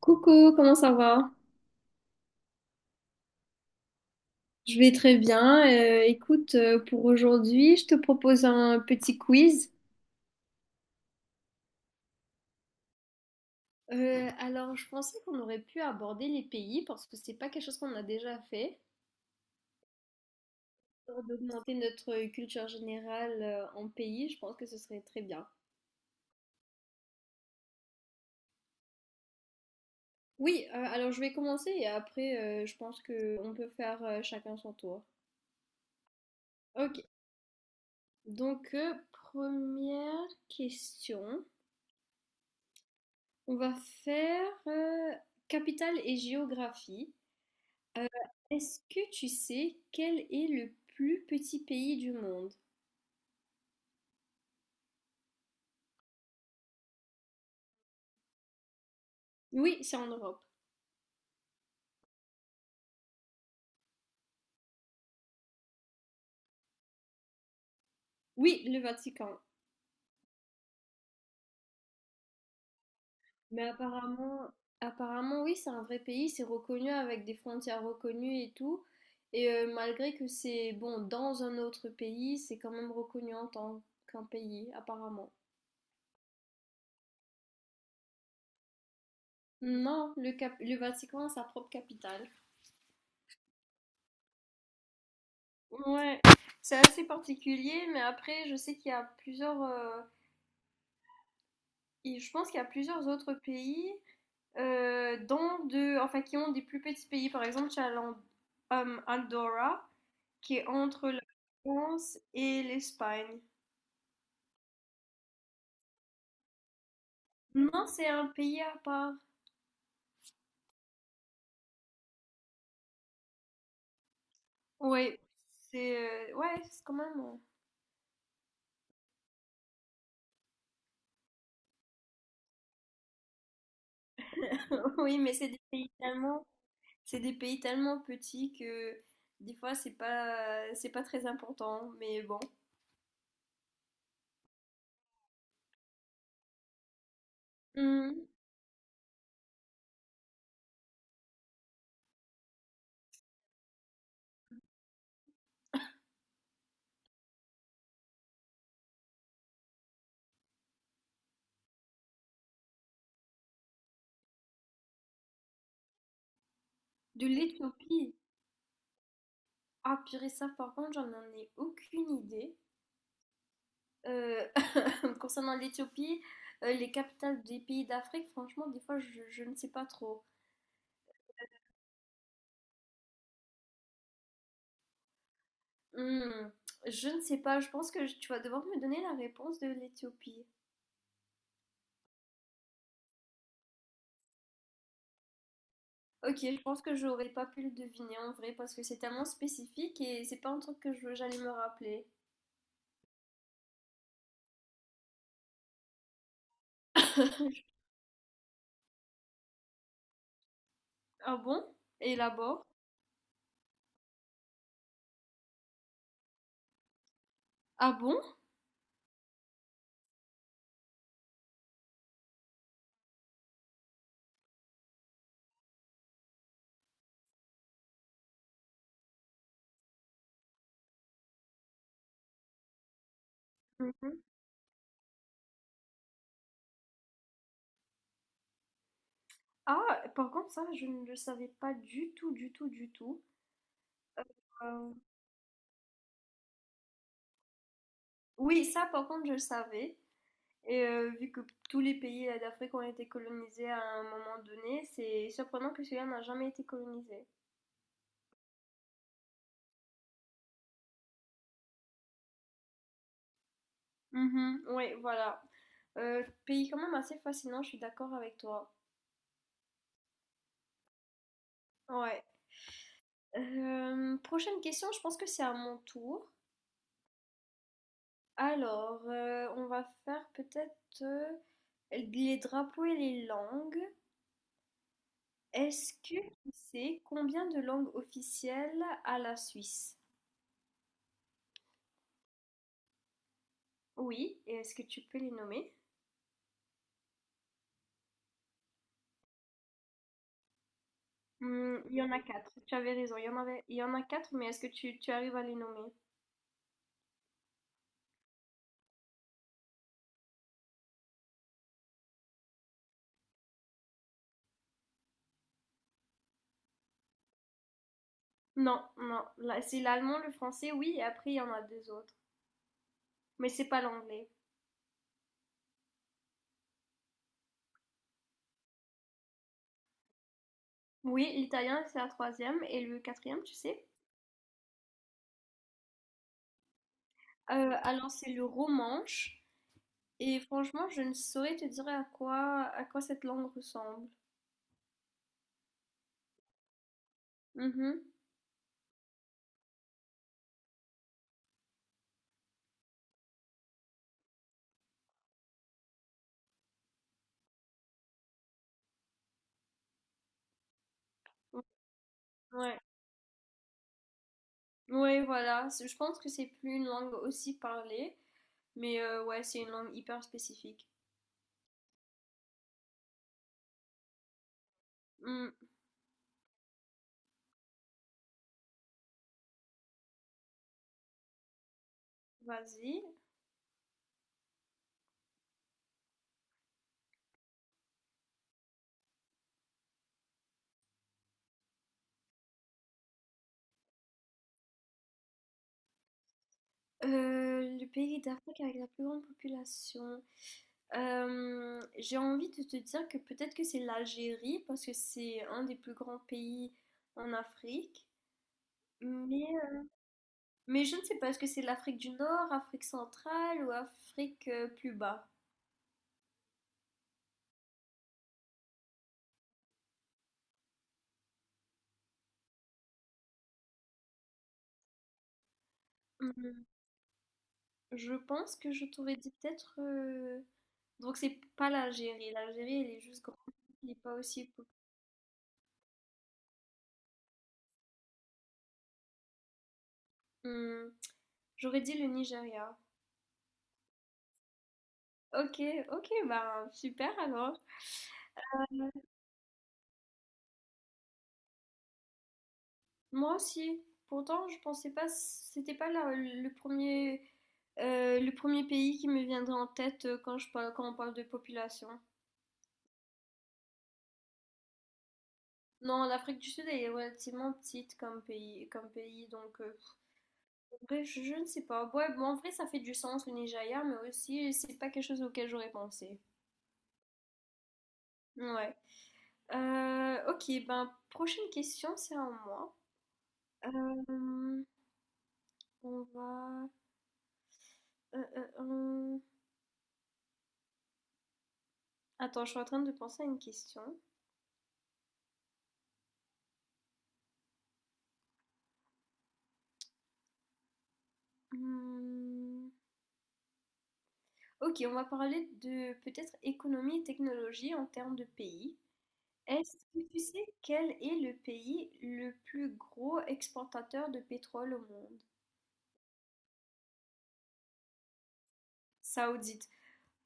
Coucou, comment ça va? Je vais très bien. Écoute, pour aujourd'hui, je te propose un petit quiz. Alors, je pensais qu'on aurait pu aborder les pays parce que c'est pas quelque chose qu'on a déjà fait. Pour d'augmenter notre culture générale, en pays, je pense que ce serait très bien. Oui, alors je vais commencer et après, je pense que on peut faire chacun son tour. Ok. Donc, première question. On va faire, capitale et géographie. Est-ce que tu sais quel est le plus petit pays du monde? Oui, c'est en Europe. Oui, le Vatican. Mais apparemment, oui, c'est un vrai pays, c'est reconnu avec des frontières reconnues et tout. Et malgré que c'est bon dans un autre pays, c'est quand même reconnu en tant qu'un pays, apparemment. Non, le Vatican a sa propre capitale. Ouais, c'est assez particulier, mais après, je sais qu'il y a plusieurs, et je pense qu'il y a plusieurs autres pays, dans de, enfin, qui ont des plus petits pays. Par exemple, tu as Andorra, qui est entre la France et l'Espagne. Non, c'est un pays à part. Oui, c'est ouais, c'est quand même. euh, Oui, mais c'est des pays tellement, c'est des pays tellement petits que des fois c'est pas très important. Mais bon. Hum, De l'Éthiopie. Ah purée, ça par contre, j'en en ai aucune idée. Euh, concernant l'Éthiopie, les capitales des pays d'Afrique, franchement, des fois, je ne sais pas trop. Hmm, je ne sais pas, je pense que tu vas devoir me donner la réponse de l'Éthiopie. Ok, je pense que j'aurais pas pu le deviner en vrai parce que c'est tellement spécifique et c'est pas un truc que j'allais me rappeler. Ah bon? Et là-bas? Ah bon? Mhm. Ah, par contre, ça, je ne le savais pas du tout, du tout, du tout. Euh, Oui, ça, par contre, je le savais. Et vu que tous les pays, d'Afrique ont été colonisés à un moment donné, c'est surprenant que celui-là n'a jamais été colonisé. Mhm. Oui, voilà. Pays quand même assez fascinant, je suis d'accord avec toi. Ouais. Prochaine question, je pense que c'est à mon tour. Alors, on va faire peut-être, les drapeaux et les langues. Est-ce que tu sais combien de langues officielles a la Suisse? Oui, et est-ce que tu peux les nommer? Il y en a quatre. Tu avais raison. Il y en avait, il y en a quatre, mais est-ce que tu arrives à les nommer? Non, non. Là, c'est l'allemand, le français, oui, et après il y en a deux autres. Mais c'est pas l'anglais. Oui, l'italien, c'est la troisième, et le quatrième, tu sais? Alors c'est le romanche, et franchement, je ne saurais te dire à quoi cette langue ressemble. Mhm. Ouais. Ouais, voilà. Je pense que c'est plus une langue aussi parlée, mais ouais, c'est une langue hyper spécifique. Hmm, Vas-y. Le pays d'Afrique avec la plus grande population. J'ai envie de te dire que peut-être que c'est l'Algérie parce que c'est un des plus grands pays en Afrique. Mais, euh, mais je ne sais pas, est-ce que c'est l'Afrique du Nord, Afrique centrale ou Afrique, plus bas? Hum, Je pense que je t'aurais dit peut-être. Donc c'est pas l'Algérie. L'Algérie, elle est juste grande. Elle n'est pas aussi. Hum, J'aurais dit le Nigeria. Ok, ok, bah super alors. Moi aussi. Pourtant, je pensais pas, c'était pas le premier pays qui me viendrait en tête, quand on parle de population. Non, l'Afrique du Sud est relativement petite comme pays, donc, en vrai, je ne sais pas. Ouais, bon, en vrai, ça fait du sens le Nigeria, mais aussi c'est pas quelque chose auquel j'aurais pensé. Ouais. Ok, ben prochaine question, c'est à moi. Euh, on va. Euh, euh, euh, Attends, je suis en train de penser à une question. Mmh. Ok, on va parler de peut-être économie et technologie en termes de pays. Est-ce que tu sais quel est le pays le plus gros exportateur de pétrole au monde? Saoudite.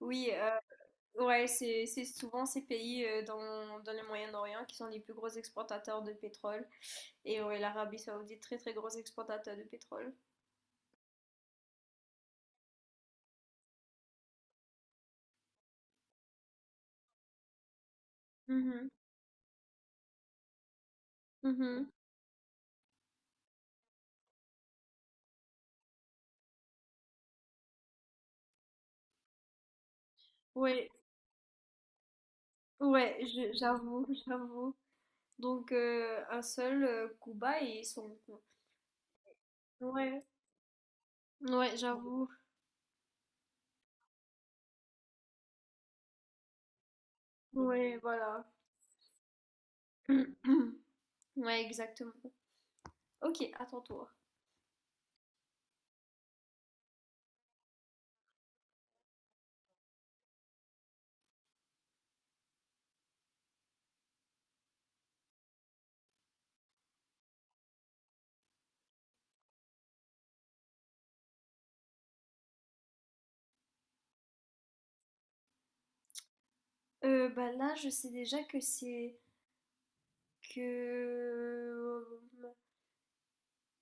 Oui, ouais, c'est souvent ces pays, dans le Moyen-Orient qui sont les plus gros exportateurs de pétrole. Et ouais, l'Arabie Saoudite, très très gros exportateur de pétrole. Mhm, mhm. Ouais, ouais, j'avoue, j'avoue. Donc, un seul, Cuba et ils sont. Ouais. Ouais, j'avoue. Ouais, voilà. Ouais, exactement. Ok, à ton tour. Bah là, je sais déjà que c'est que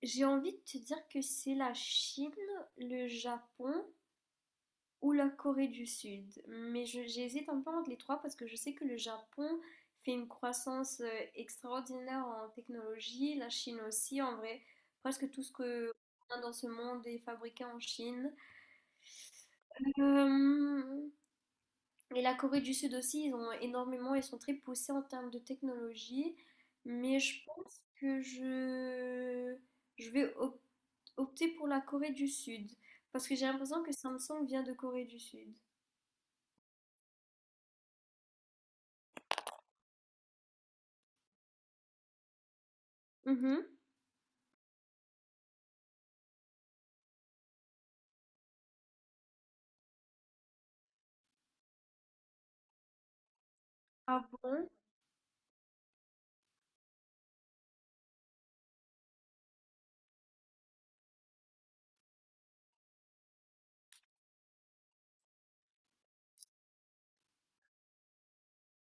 j'ai envie de te dire que c'est la Chine, le Japon ou la Corée du Sud. Mais j'hésite un peu entre les trois parce que je sais que le Japon fait une croissance, extraordinaire en technologie, la Chine aussi, en vrai, presque tout ce que on a dans ce monde est fabriqué en Chine. Euh, Et la Corée du Sud aussi, ils ont énormément, ils sont très poussés en termes de technologie. Mais je pense que je vais opter pour la Corée du Sud. Parce que j'ai l'impression que Samsung vient de Corée du Sud. Mhm. Ah bon?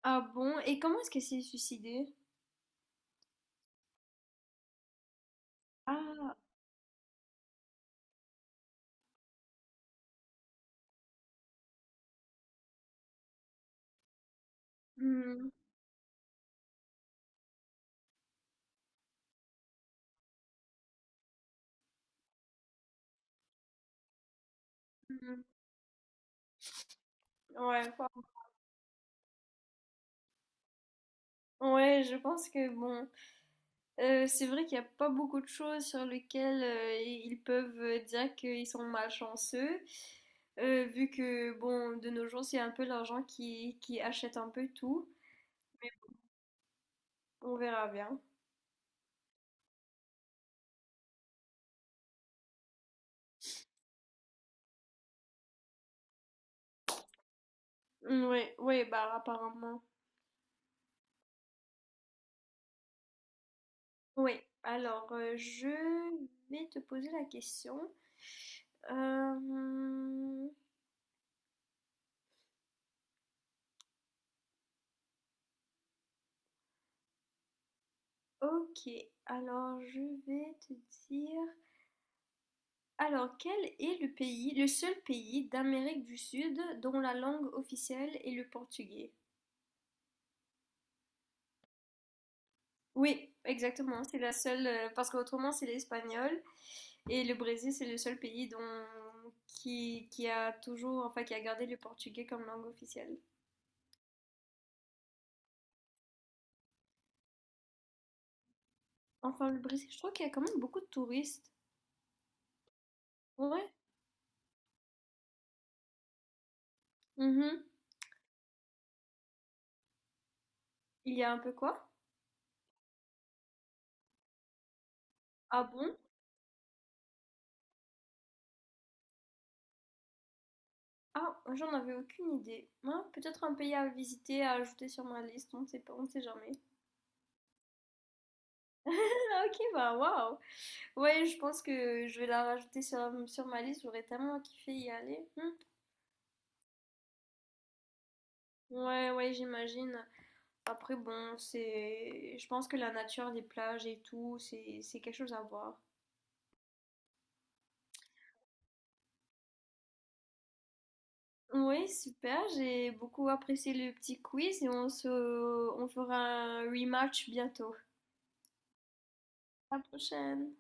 Ah bon? Et comment est-ce qu'elle s'est suicidée? Ah. Hmm, hmm. Ouais, ouais, je pense que bon. C'est vrai qu'il n'y a pas beaucoup de choses sur lesquelles, ils peuvent, dire qu'ils sont malchanceux, vu que, bon, de nos jours, c'est un peu l'argent qui achète un peu tout. On verra bien. Oui, oui, bah apparemment. Oui, alors, je vais te poser la question. Euh, ok, alors je vais te dire... Alors, quel est le pays, le seul pays d'Amérique du Sud dont la langue officielle est le portugais? Oui, exactement, c'est la seule, parce qu'autrement c'est l'espagnol, et le Brésil c'est le seul pays dont, qui a toujours, enfin qui a gardé le portugais comme langue officielle. Enfin, le Brésil, je trouve qu'il y a quand même beaucoup de touristes. Ouais. Mhm. Il y a un peu quoi? Ah bon? Ah, j'en avais aucune idée. Ah, peut-être un pays à visiter, à ajouter sur ma liste, on ne sait pas, on ne sait jamais. Ah, ok, bah waouh! Ouais, je pense que je vais la rajouter sur ma liste, j'aurais tellement kiffé y aller. Hmm. Ouais, ouais, j'imagine. Après, bon, c'est. Je pense que la nature, les plages et tout, c'est quelque chose à voir. Ouais, super, j'ai beaucoup apprécié le petit quiz et on fera un rematch bientôt. À la prochaine!